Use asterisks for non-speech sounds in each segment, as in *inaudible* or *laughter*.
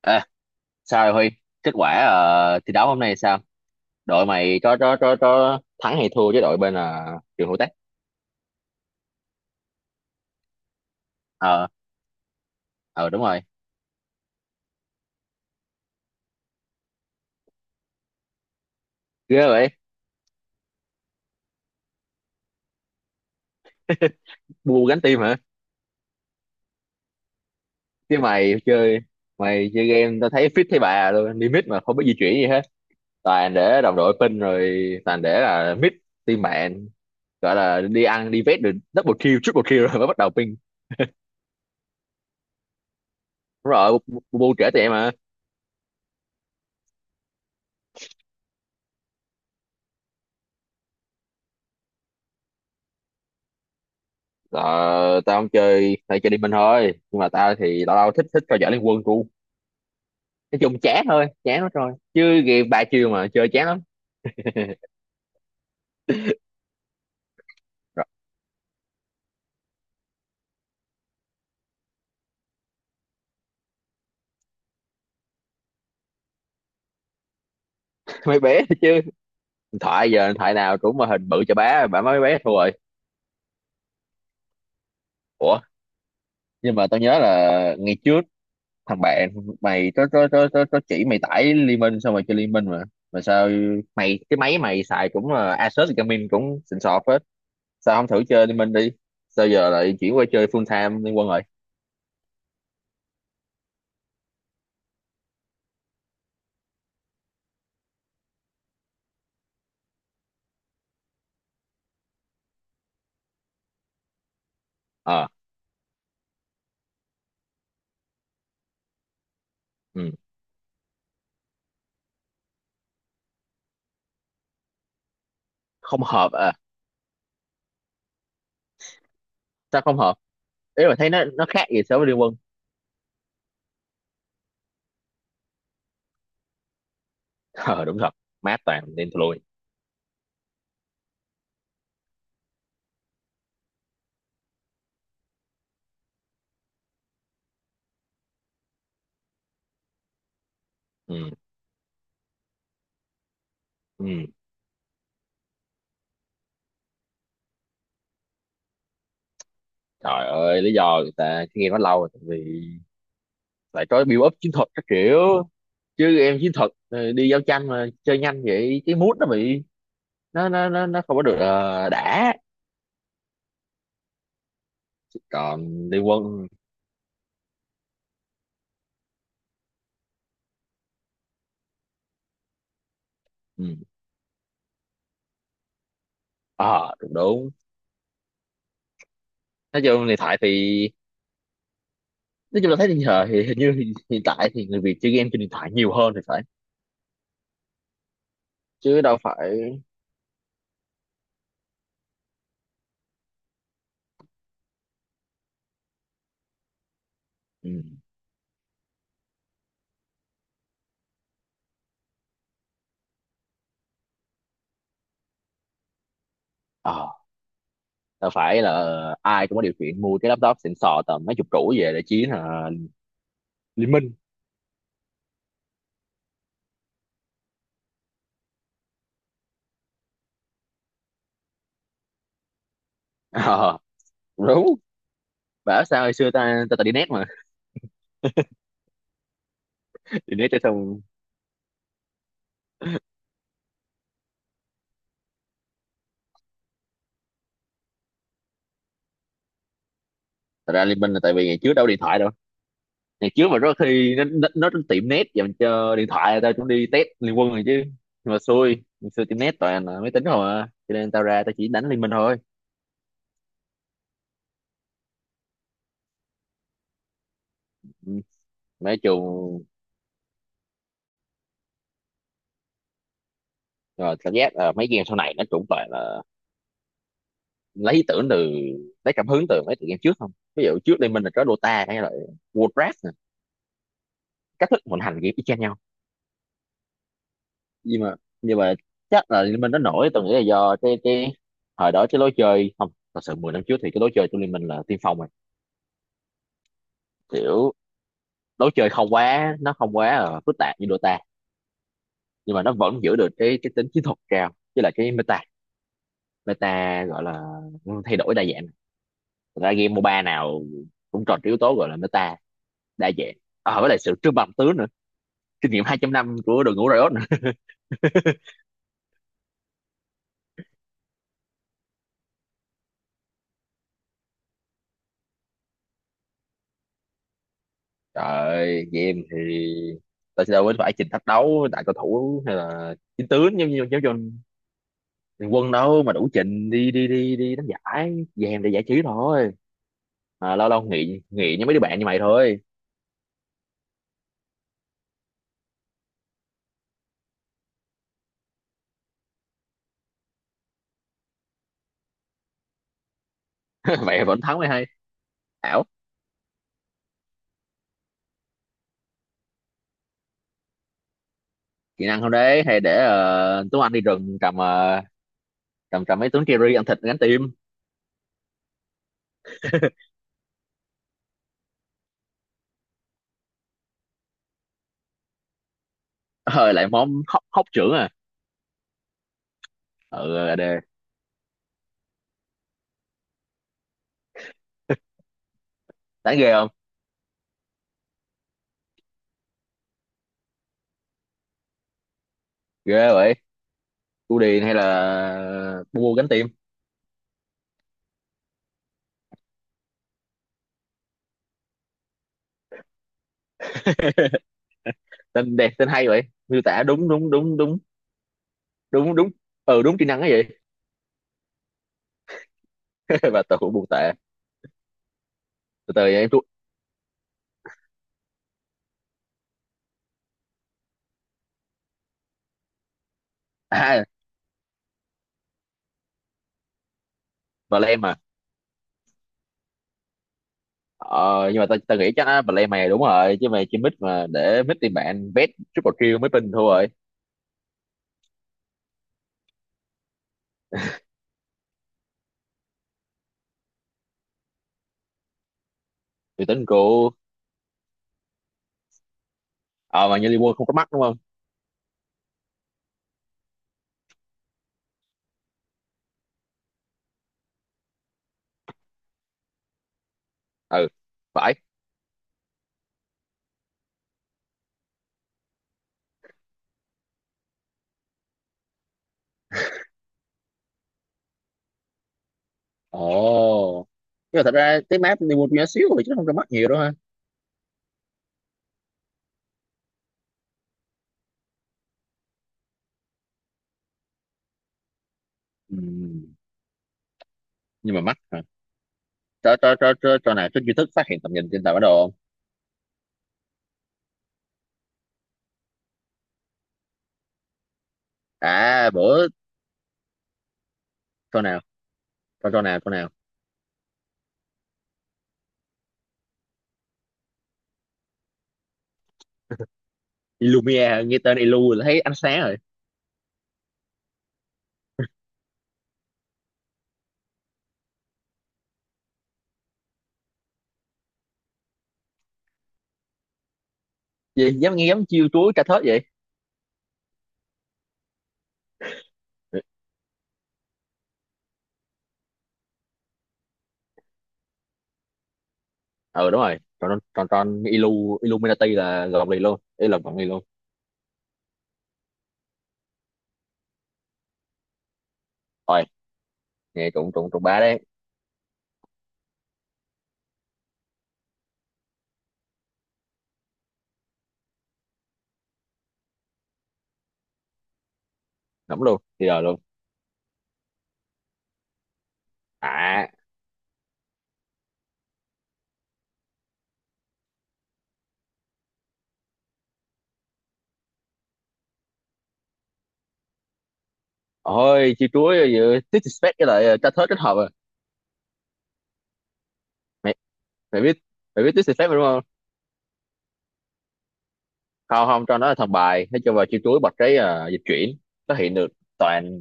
Ê, sao rồi Huy? Kết quả thi đấu hôm nay sao? Đội mày có thắng hay thua với đội bên trường Hữu Tách? Ờ, ờ, đúng rồi. Ghê vậy. Bu gánh tim hả? Chứ mày chơi Mày chơi game tao thấy fit thấy bà luôn, đi mid mà không biết di chuyển gì hết. Toàn để đồng đội pin rồi, toàn để là mid team bạn, gọi là đi ăn đi vét được double kill, triple kill rồi mới bắt đầu ping. Đúng rồi, Bu Bu bu trễ tụi em mà. Ờ, tao không chơi, tao chơi đi mình thôi. Nhưng mà tao thì tao tao thích thích coi giải Liên Quân của, nói chung chán thôi, chán lắm rồi, chứ game ba chiều mà chơi chán lắm. *laughs* Rồi, mấy bé chứ, điện thoại giờ điện thoại nào cũng mà hình bự cho bá bả mấy bé thua rồi. Ủa nhưng mà tao nhớ là ngày trước thằng bạn mày có chỉ mày tải Liên Minh xong rồi chơi Liên Minh mà sao mày, cái máy mày xài cũng là Asus Gaming cũng xịn sọt hết, sao không thử chơi Liên Minh đi, sao giờ lại chuyển qua chơi full time Liên Quân rồi? Ờ. Ừ. Không hợp à? Sao không hợp? Ý mà thấy nó khác gì so với Liên Quân? *laughs* Ờ đúng thật, mát toàn nên thôi. Ừ. Ừ. Trời ơi, lý do người ta cứ game quá lâu rồi tại vì phải có build up chiến thuật các kiểu, chứ em chiến thuật đi giao tranh mà chơi nhanh vậy cái mood nó bị, nó không có được đã. Còn liên quân. Ừ. Ờ đúng đúng, nói chung điện thoại thì, nói chung là thấy hiện giờ thì hình như hiện hiện tại thì người Việt chơi game trên điện thoại nhiều hơn thì phải, chứ đâu phải. Ừ. Ờ, đâu phải là ai cũng có điều kiện mua cái laptop xịn sò tầm mấy chục củ về để chiến liên minh. Ờ đúng. Bảo sao hồi xưa ta ta, ta đi net mà. *laughs* Đi net cho xong. Thật ra Liên Minh là tại vì ngày trước đâu có điện thoại đâu, ngày trước mà rất khi nó, nó tiệm net dành cho điện thoại tao cũng đi test Liên Quân rồi chứ, nhưng mà xui ngày xưa tiệm net toàn là máy tính không à, cho nên tao ra tao chỉ đánh Liên Minh thôi. Ừ. Nói chung, rồi cảm giác là mấy game sau này nó cũng toàn là lấy ý tưởng từ, lấy cảm hứng từ mấy tựa game trước không, ví dụ trước Liên Minh là có Dota hay là Warcraft nè, cách thức vận hành game y chang nhau. Nhưng mà nhưng mà chắc là Liên Minh nó nổi, tôi nghĩ là do cái thời đó cái lối chơi không thật sự, 10 năm trước thì cái lối chơi của Liên Minh là tiên phong rồi, kiểu lối chơi không quá, nó không quá là phức tạp như Dota, nhưng mà nó vẫn giữ được cái tính chiến thuật cao với lại cái meta, meta gọi là thay đổi đa dạng. Thật ra game MOBA nào cũng tròn cái yếu tố gọi là meta đa dạng, à, với lại sự trưng bằng tướng nữa, kinh nghiệm 200 năm của đội ngũ Riot nữa. *laughs* Trời, game thì tao sẽ đâu có phải trình thách đấu đại cầu thủ hay là chiến tướng giống như giống cho thằng quân đâu mà đủ trình đi đi đi đi đánh giải, game để giải trí thôi, mà lâu lâu nghỉ nghỉ với mấy đứa bạn như mày thôi. *laughs* Mày vẫn thắng mày hay ảo. Kỹ năng không đấy hay để Tuấn Anh đi rừng cầm cầm trầm mấy tướng Kerry ăn thịt gánh tim. *laughs* Ờ lại món hóc hóc trưởng à? Ừ đề, đáng ghê không? Ghê vậy. Cu Điền hay là mua gánh tim. Tên đẹp tên hay vậy, miêu tả đúng đúng đúng ừ đúng kỹ năng ấy vậy. *laughs* Và tao cũng buồn tệ, từ từ em thua. À, *clears throat* và lem mà, ờ, nhưng mà tao tao nghĩ chắc á, và lem mày đúng rồi chứ mày chỉ mid mà để mid tìm bạn bet triple kill mới pin thôi rồi. Thì tính của. Ờ mà như Liverpool không có mắt đúng không? Ừ phải. Ồ, nhưng mà thật ra cái map Liverpool nhỏ xíu rồi chứ không có mắt nhiều đâu ha. Ừ. Nhưng mà mắt hả? Cho nào trên YouTube phát hiện tầm nhìn trên tàu bản đồ không? À bữa, cho nào, cho nào. Illumia, nghe tên Illu là thấy ánh sáng rồi. Gì dám nghe dám chiêu chuối tra thớt vậy? Ừ đúng rồi, tròn tròn tròn Illu, Illuminati là gọn liền luôn, ý là gọn liền luôn. Rồi, nghe trụng trụng trụng ba đấy. Nắm luôn thì rồi luôn. À, ôi chiêu chuối giữa disrespect với lại tra thớt kết hợp à? Mày mày biết mày biết disrespect mà đúng không? Không không, cho nó là thằng bài nó cho vào chiêu chuối bật cái dịch chuyển, nó hiện được toàn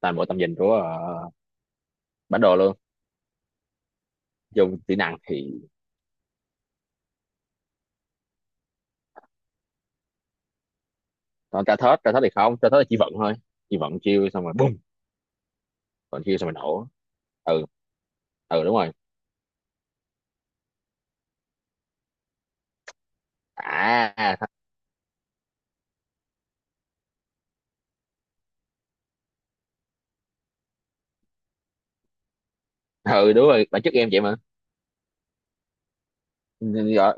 toàn bộ tầm nhìn của bản đồ luôn. Dùng kỹ năng thì, còn tra thớt, tra thớt thì không, tra thớt là chỉ vận thôi, chỉ vận chiêu xong rồi bùm. Còn chiêu xong rồi nổ. Ừ. Ừ đúng rồi. À thật, ừ đúng rồi bản chất em vậy mà. Nên gọi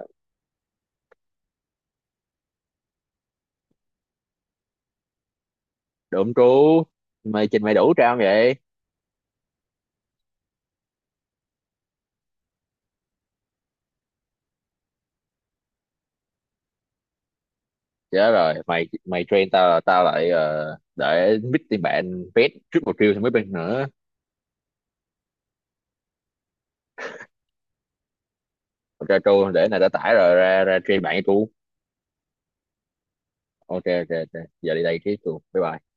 độm trú, mày trình mày đủ trao không vậy? Chết rồi, mày mày train tao là tao lại để mít tiền bạn pet triple kill thì mới bên nữa. Còn tra tru để này đã tải rồi ra ra train bạn với tru. Ok ok ok giờ đi đây cái tru, bye bye.